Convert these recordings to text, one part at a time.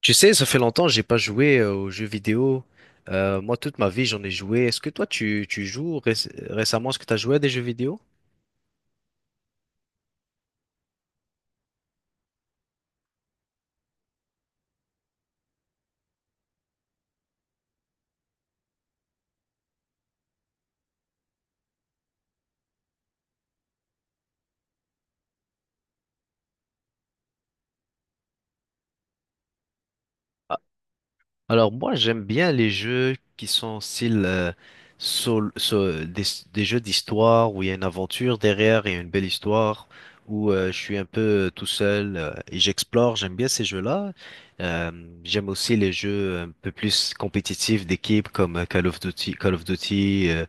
Tu sais, ça fait longtemps que j'ai pas joué aux jeux vidéo. Moi, toute ma vie, j'en ai joué. Est-ce que toi, tu joues récemment? Est-ce que tu as joué à des jeux vidéo? Ah, alors moi, j'aime bien les jeux qui sont style sol- sol- des, des jeux d'histoire où il y a une aventure derrière et une belle histoire, où je suis un peu tout seul et j'explore. J'aime bien ces jeux-là. Euh, J'aime aussi les jeux un peu plus compétitifs d'équipe comme Call of Duty, Call of Duty. euh,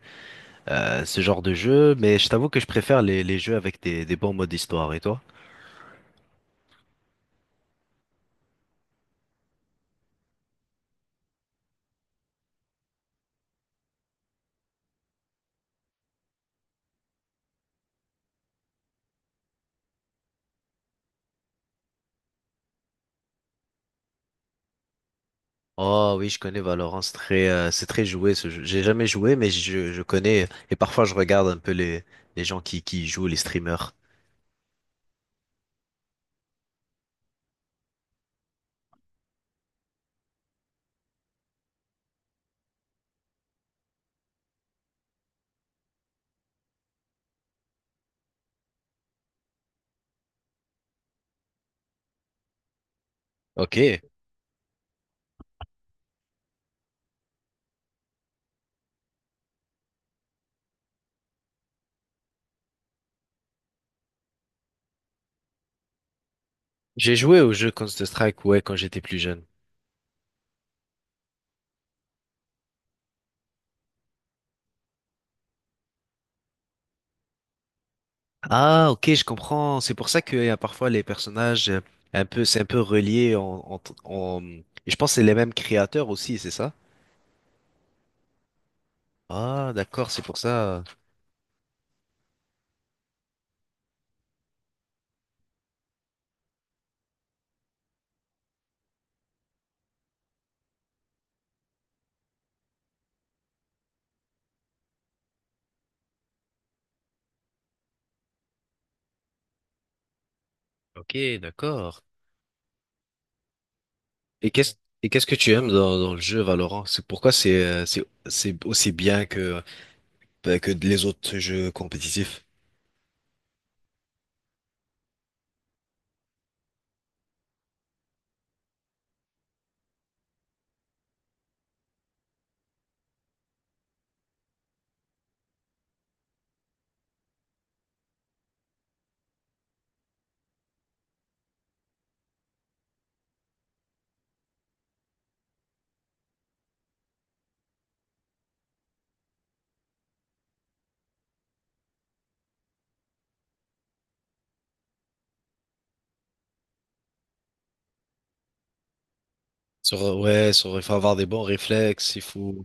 euh, ce genre de jeu, mais je t'avoue que je préfère les jeux avec des bons modes histoire. Et toi? Oh oui, je connais Valorant, c'est très joué ce jeu. J'ai jamais joué, mais je connais et parfois je regarde un peu les gens qui y jouent, les streamers. Ok. J'ai joué au jeu Counter-Strike, ouais, quand j'étais plus jeune. Ah, ok, je comprends. C'est pour ça qu'il y a parfois les personnages un peu, c'est un peu relié et je pense que c'est les mêmes créateurs aussi, c'est ça? Ah, d'accord, c'est pour ça. Ok, d'accord. Et qu'est-ce et qu'est-ce que tu aimes dans le jeu Valorant? C'est pourquoi c'est c'est aussi bien que bah, que les autres jeux compétitifs. Sur, ouais, sur, il faut avoir des bons réflexes, il faut.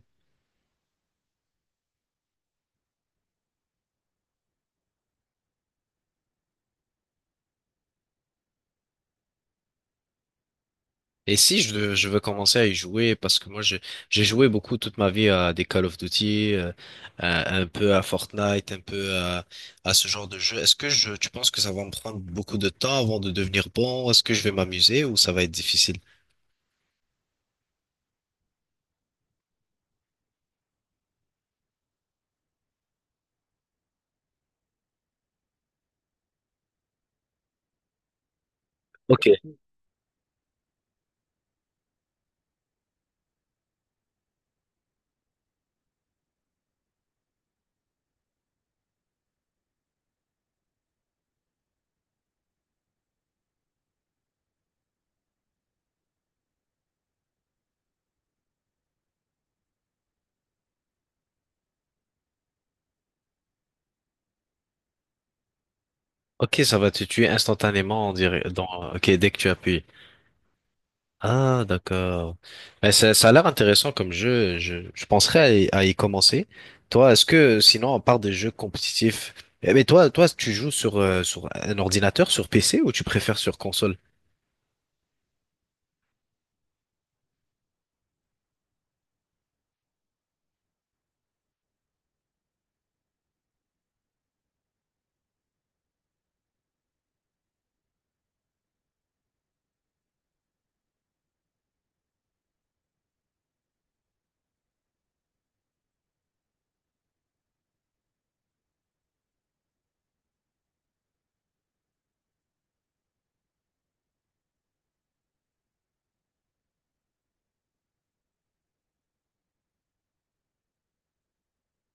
Et si je veux commencer à y jouer, parce que j'ai joué beaucoup toute ma vie à des Call of Duty, à- un peu à Fortnite, un peu à ce genre de jeu, est-ce que tu penses que ça va me prendre beaucoup de temps avant de devenir bon? Est-ce que je vais m'amuser ou ça va être difficile? Ok. Ok, ça va te tuer instantanément, on dirait, dans, ok, dès que tu appuies. Ah, d'accord. Mais ça a l'air intéressant comme jeu. Je penserais à y commencer. Toi, est-ce que, sinon, on part des jeux compétitifs, eh, mais toi, toi, tu joues sur, sur un ordinateur, sur PC, ou tu préfères sur console?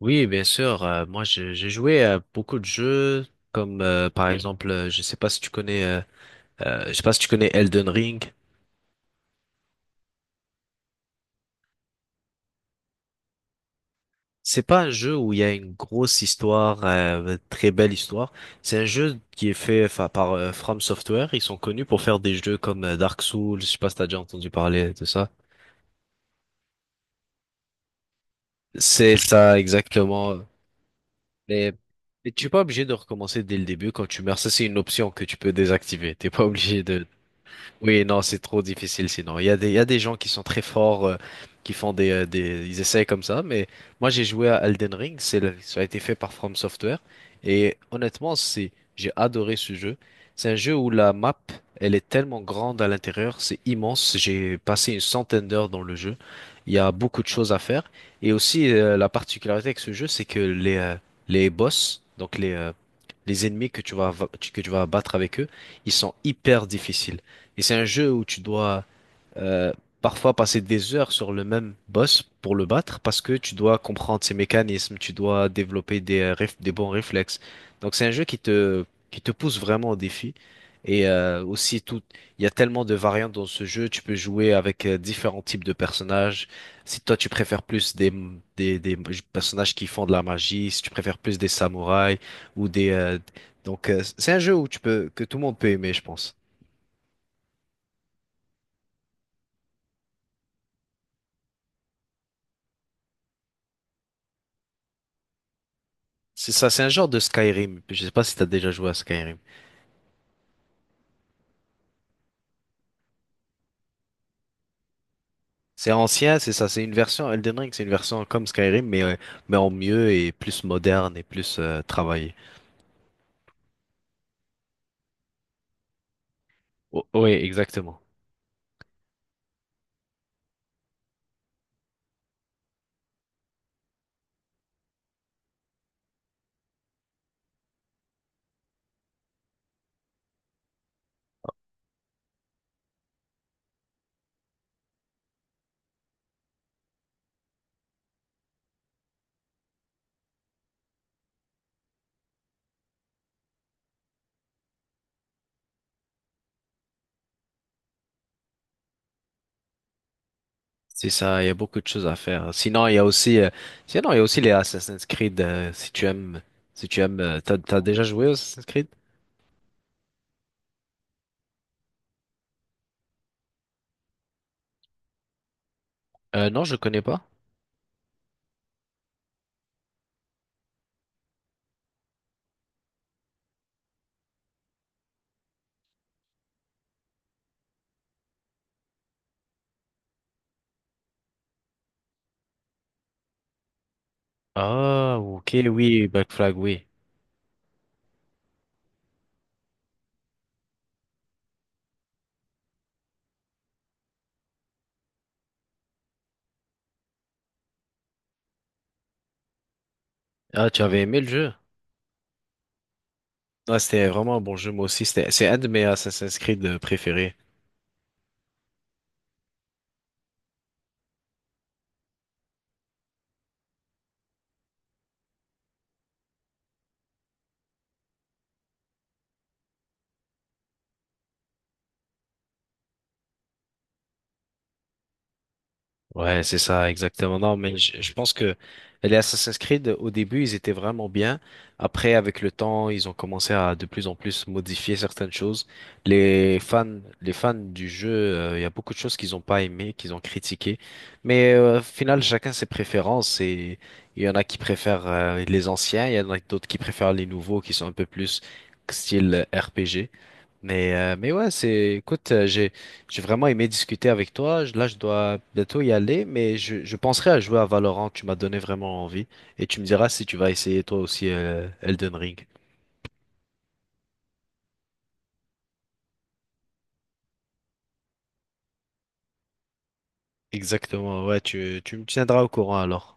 Oui, bien sûr. Moi, j'ai joué à beaucoup de jeux, comme par exemple, je sais pas si tu connais, je sais pas si tu connais Elden Ring. C'est pas un jeu où il y a une grosse histoire, très belle histoire. C'est un jeu qui est fait enfin, par From Software. Ils sont connus pour faire des jeux comme Dark Souls. Je sais pas si t'as déjà entendu parler de ça. C'est ça exactement. Mais, mais tu es pas obligé de recommencer dès le début quand tu meurs. Ça, c'est une option que tu peux désactiver. T'es pas obligé de. Oui, non, c'est trop difficile sinon. Il y a il y a des gens qui sont très forts, qui font ils essayent comme ça, mais moi j'ai joué à Elden Ring, ça a été fait par From Software, et honnêtement, c'est, j'ai adoré ce jeu. C'est un jeu où la map, elle est tellement grande à l'intérieur, c'est immense. J'ai passé une centaine d'heures dans le jeu. Il y a beaucoup de choses à faire, et aussi la particularité avec ce jeu, c'est que les boss, donc les ennemis que que tu vas battre avec eux, ils sont hyper difficiles. Et c'est un jeu où tu dois euh, parfois passer des heures sur le même boss pour le battre parce que tu dois comprendre ses mécanismes, tu dois développer des bons réflexes. Donc c'est un jeu qui te pousse vraiment au défi. Et aussi tout, il y a tellement de variantes dans ce jeu. Tu peux jouer avec différents types de personnages. Si toi tu préfères plus des personnages qui font de la magie, si tu préfères plus des samouraïs ou des donc c'est un jeu où tu peux que tout le monde peut aimer, je pense. C'est ça, c'est un genre de Skyrim. Je sais pas si t'as déjà joué à Skyrim. C'est ancien, c'est ça, c'est une version Elden Ring, c'est une version comme Skyrim, mais en mieux et plus moderne et plus travaillée. Oui, exactement. C'est ça, il y a beaucoup de choses à faire. Sinon, il y a aussi, il y a aussi les Assassin's Creed, si tu aimes, si tu aimes, t'as déjà joué aux Assassin's Creed? Non, je connais pas. Ah, ok, oui, Black Flag, oui. Ah, tu avais aimé le jeu? Ouais, c'était vraiment un bon jeu, moi aussi. C'était, c'est un de mes Assassin's Creed préférés. Ouais, c'est ça, exactement. Non, mais je pense que les Assassin's Creed, au début, ils étaient vraiment bien. Après, avec le temps, ils ont commencé à de plus en plus modifier certaines choses. Les fans du jeu, il y a beaucoup de choses qu'ils ont pas aimées, qu'ils ont critiquées. Mais au final, chacun ses préférences. Et il y en a qui préfèrent les anciens, il y en a d'autres qui préfèrent les nouveaux, qui sont un peu plus style RPG. Mais ouais, c'est, écoute, j'ai vraiment aimé discuter avec toi. Je- Là, je dois bientôt y aller, mais je penserai à jouer à Valorant. Tu m'as donné vraiment envie. Et tu me diras si tu vas essayer toi aussi Elden Ring. Exactement, ouais, tu me tiendras au courant alors.